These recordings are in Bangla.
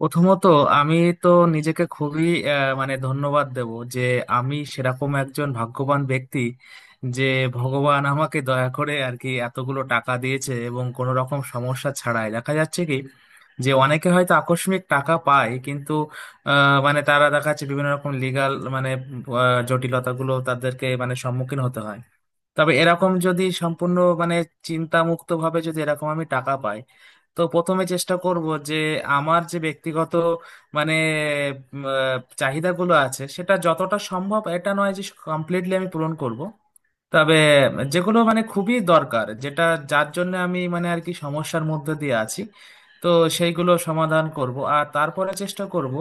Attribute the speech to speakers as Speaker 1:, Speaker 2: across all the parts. Speaker 1: প্রথমত আমি তো নিজেকে খুবই মানে ধন্যবাদ দেব যে আমি সেরকম একজন ভাগ্যবান ব্যক্তি যে ভগবান আমাকে দয়া করে আর কি এতগুলো টাকা দিয়েছে, এবং কোনো রকম সমস্যা ছাড়াই দেখা যাচ্ছে কি যে অনেকে হয়তো আকস্মিক টাকা পায়, কিন্তু মানে তারা দেখা যাচ্ছে বিভিন্ন রকম লিগাল মানে জটিলতাগুলো তাদেরকে মানে সম্মুখীন হতে হয়। তবে এরকম যদি সম্পূর্ণ মানে চিন্তামুক্ত ভাবে যদি এরকম আমি টাকা পাই, তো প্রথমে চেষ্টা করব যে আমার যে ব্যক্তিগত মানে চাহিদাগুলো আছে, সেটা যতটা সম্ভব, এটা নয় যে কমপ্লিটলি আমি পূরণ করব, তবে যেগুলো মানে খুবই দরকার, যেটা যার জন্য আমি মানে আর কি সমস্যার মধ্যে দিয়ে আছি, তো সেইগুলো সমাধান করব। আর তারপরে চেষ্টা করব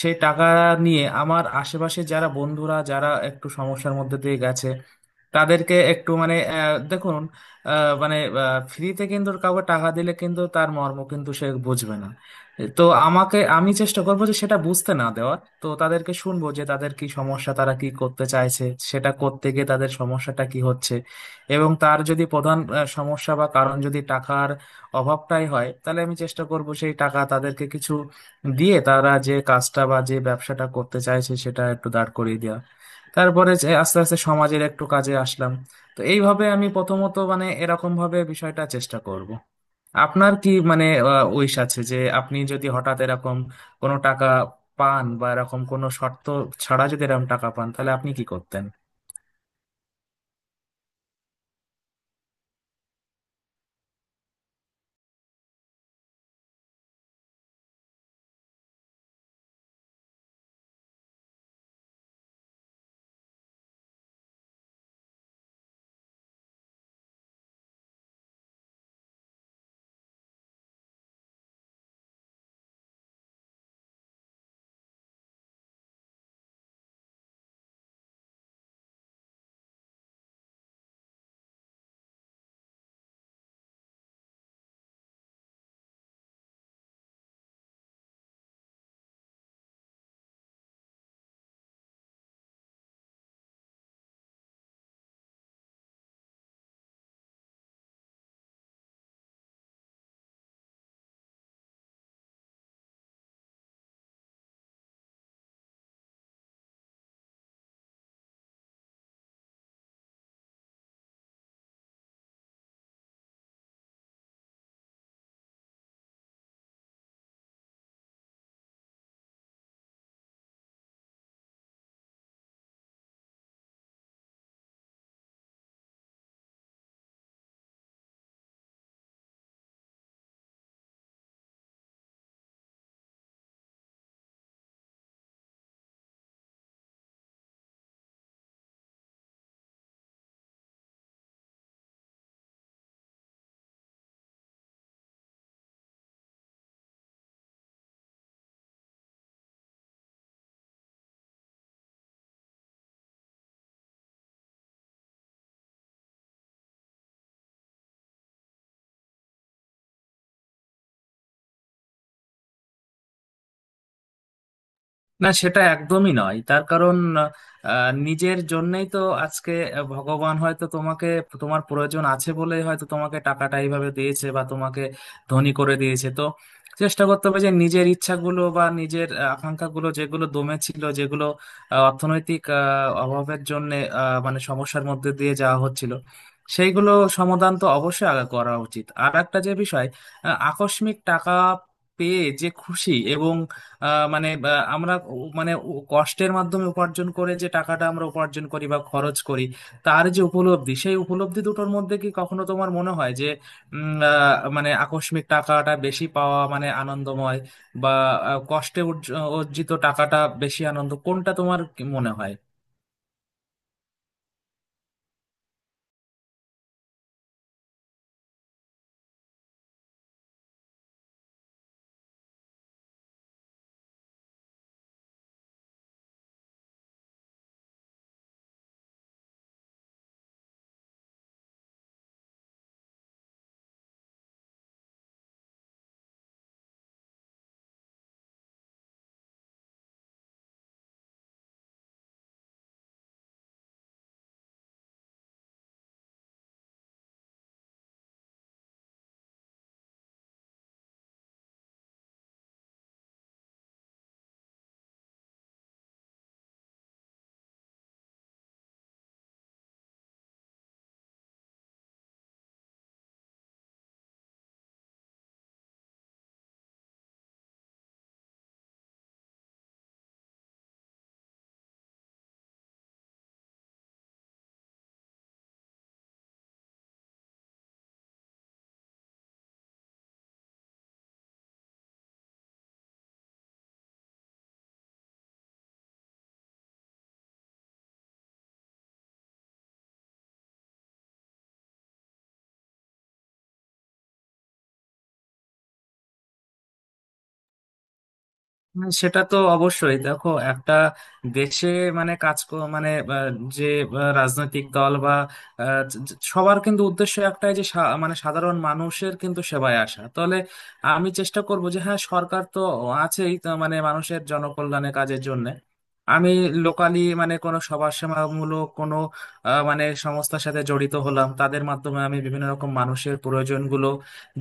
Speaker 1: সেই টাকা নিয়ে আমার আশেপাশে যারা বন্ধুরা যারা একটু সমস্যার মধ্যে দিয়ে গেছে, তাদেরকে একটু মানে দেখুন, মানে ফ্রিতে কিন্তু কাউকে টাকা দিলে কিন্তু তার মর্ম কিন্তু সে বুঝবে না। তো আমি চেষ্টা করবো যে সেটা বুঝতে না দেওয়ার, তো তাদেরকে শুনবো যে তাদের কি সমস্যা, তারা কি করতে চাইছে, সেটা করতে গিয়ে তাদের সমস্যাটা কি হচ্ছে। এবং তার যদি প্রধান সমস্যা বা কারণ যদি টাকার অভাবটাই হয়, তাহলে আমি চেষ্টা করব সেই টাকা তাদেরকে কিছু দিয়ে তারা যে কাজটা বা যে ব্যবসাটা করতে চাইছে সেটা একটু দাঁড় করিয়ে দেওয়া, তারপরে যে আস্তে আস্তে সমাজের একটু কাজে আসলাম। তো এইভাবে আমি প্রথমত মানে এরকম ভাবে বিষয়টা চেষ্টা করব। আপনার কি মানে উইশ আছে যে আপনি যদি হঠাৎ এরকম কোনো টাকা পান, বা এরকম কোনো শর্ত ছাড়া যদি এরকম টাকা পান, তাহলে আপনি কি করতেন? না, সেটা একদমই নয়। তার কারণ, নিজের জন্যই তো আজকে ভগবান হয়তো তোমাকে, তোমার প্রয়োজন আছে বলেই হয়তো তোমাকে টাকাটা এইভাবে দিয়েছে বা তোমাকে ধনী করে দিয়েছে। তো চেষ্টা করতে হবে যে নিজের ইচ্ছাগুলো বা নিজের আকাঙ্ক্ষাগুলো যেগুলো দমে ছিল, যেগুলো অর্থনৈতিক অভাবের জন্য মানে সমস্যার মধ্যে দিয়ে যাওয়া হচ্ছিল, সেইগুলো সমাধান তো অবশ্যই আগে করা উচিত। আর একটা যে বিষয়, আকস্মিক টাকা পেয়ে যে খুশি, এবং আহ, মানে বা আমরা কষ্টের মাধ্যমে উপার্জন করে যে টাকাটা আমরা উপার্জন করি বা খরচ করি, তার যে উপলব্ধি, সেই উপলব্ধি দুটোর মধ্যে কি কখনো তোমার মনে হয় যে মানে আকস্মিক টাকাটা বেশি পাওয়া মানে আনন্দময়, বা কষ্টে অর্জিত টাকাটা বেশি আনন্দ, কোনটা তোমার কি মনে হয়? হ্যাঁ, সেটা তো অবশ্যই। দেখো একটা দেশে মানে মানে আহ, যে রাজনৈতিক দল বা সবার কিন্তু উদ্দেশ্য একটাই, যে মানে সাধারণ মানুষের কিন্তু সেবায় আসা। তাহলে আমি চেষ্টা করব যে হ্যাঁ, সরকার তো আছেই তো মানে মানুষের জনকল্যাণে কাজের জন্য, আমি লোকালি মানে কোনো সমাজসেবামূলক কোনো মানে সংস্থার সাথে জড়িত হলাম, তাদের মাধ্যমে আমি বিভিন্ন রকম মানুষের প্রয়োজনগুলো,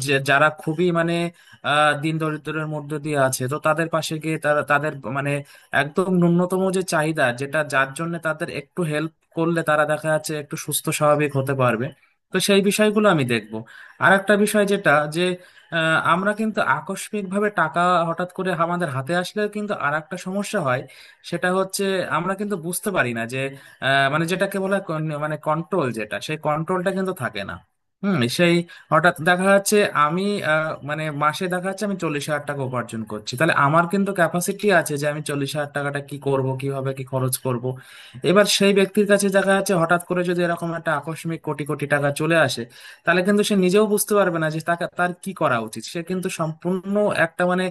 Speaker 1: যে যারা খুবই মানে দিন দরিদ্রের মধ্যে দিয়ে আছে, তো তাদের পাশে গিয়ে তারা তাদের মানে একদম ন্যূনতম যে চাহিদা, যেটা যার জন্য তাদের একটু হেল্প করলে তারা দেখা যাচ্ছে একটু সুস্থ স্বাভাবিক হতে পারবে, তো সেই বিষয়গুলো আমি দেখব। আর একটা বিষয় যেটা, যে আমরা কিন্তু আকস্মিক ভাবে টাকা হঠাৎ করে আমাদের হাতে আসলে কিন্তু আর একটা সমস্যা হয়, সেটা হচ্ছে আমরা কিন্তু বুঝতে পারি না যে মানে যেটাকে বলা হয় মানে কন্ট্রোল, যেটা সেই কন্ট্রোলটা কিন্তু থাকে না। হুম, সেই হঠাৎ দেখা যাচ্ছে আমি মানে মাসে দেখা যাচ্ছে আমি 40,000 টাকা উপার্জন করছি, তাহলে আমার কিন্তু ক্যাপাসিটি আছে যে আমি 40,000 টাকাটা কি করব, কিভাবে কি খরচ করব। এবার সেই ব্যক্তির কাছে দেখা যাচ্ছে হঠাৎ করে যদি এরকম একটা আকস্মিক কোটি কোটি টাকা চলে আসে, তাহলে কিন্তু সে নিজেও বুঝতে পারবে না যে তাকে তার কি করা উচিত। সে কিন্তু সম্পূর্ণ একটা মানে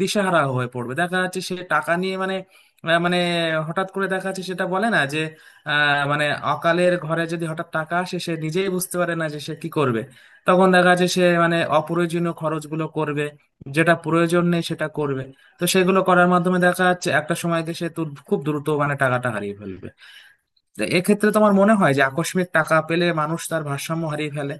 Speaker 1: দিশাহারা হয়ে পড়বে। দেখা যাচ্ছে সে টাকা নিয়ে মানে আহ, মানে হঠাৎ করে দেখা যাচ্ছে, সেটা বলে না যে মানে অকালের ঘরে যদি হঠাৎ টাকা আসে সে নিজেই বুঝতে পারে না যে সে কি করবে। তখন দেখা যাচ্ছে সে মানে অপ্রয়োজনীয় খরচগুলো করবে, যেটা প্রয়োজন নেই সেটা করবে। তো সেগুলো করার মাধ্যমে দেখা যাচ্ছে একটা সময় দেশে তো খুব দ্রুত মানে টাকাটা হারিয়ে ফেলবে। তো এক্ষেত্রে তোমার মনে হয় যে আকস্মিক টাকা পেলে মানুষ তার ভারসাম্য হারিয়ে ফেলে?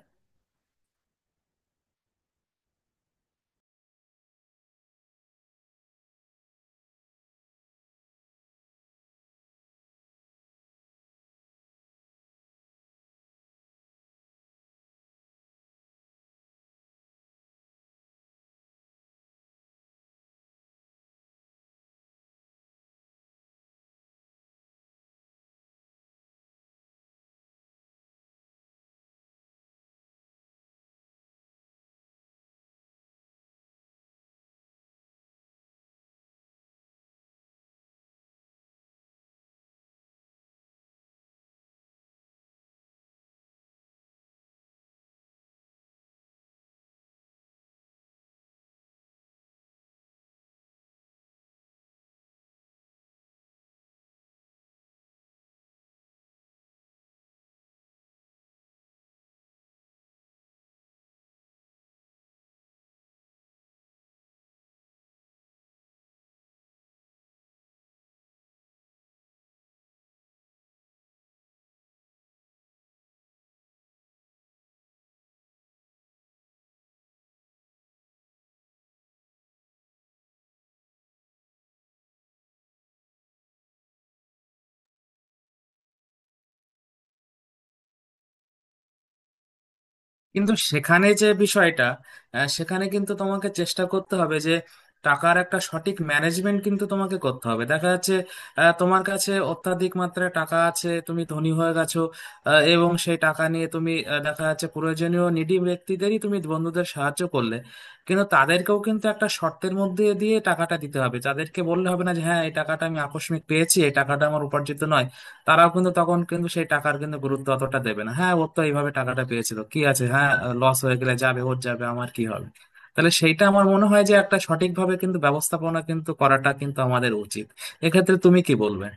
Speaker 1: কিন্তু সেখানে যে বিষয়টা, সেখানে কিন্তু তোমাকে চেষ্টা করতে হবে যে টাকার একটা সঠিক ম্যানেজমেন্ট কিন্তু তোমাকে করতে হবে। দেখা যাচ্ছে তোমার কাছে অত্যাধিক মাত্রায় টাকা আছে, তুমি ধনী হয়ে গেছো, এবং সেই টাকা নিয়ে তুমি দেখা যাচ্ছে প্রয়োজনীয় নিডি ব্যক্তিদেরই, তুমি বন্ধুদের সাহায্য করলে, কিন্তু তাদেরকেও কিন্তু একটা শর্তের মধ্যে দিয়ে টাকাটা দিতে হবে। তাদেরকে বললে হবে না যে হ্যাঁ এই টাকাটা আমি আকস্মিক পেয়েছি, এই টাকাটা আমার উপার্জিত নয়। তারাও কিন্তু তখন কিন্তু সেই টাকার কিন্তু গুরুত্ব অতটা দেবে না। হ্যাঁ, ওর তো এইভাবে টাকাটা পেয়েছিল, কি আছে, হ্যাঁ লস হয়ে গেলে যাবে, ওর যাবে, আমার কি হবে। তাহলে সেইটা আমার মনে হয় যে একটা সঠিকভাবে কিন্তু ব্যবস্থাপনা কিন্তু করাটা কিন্তু আমাদের উচিত। এক্ষেত্রে তুমি কি বলবে?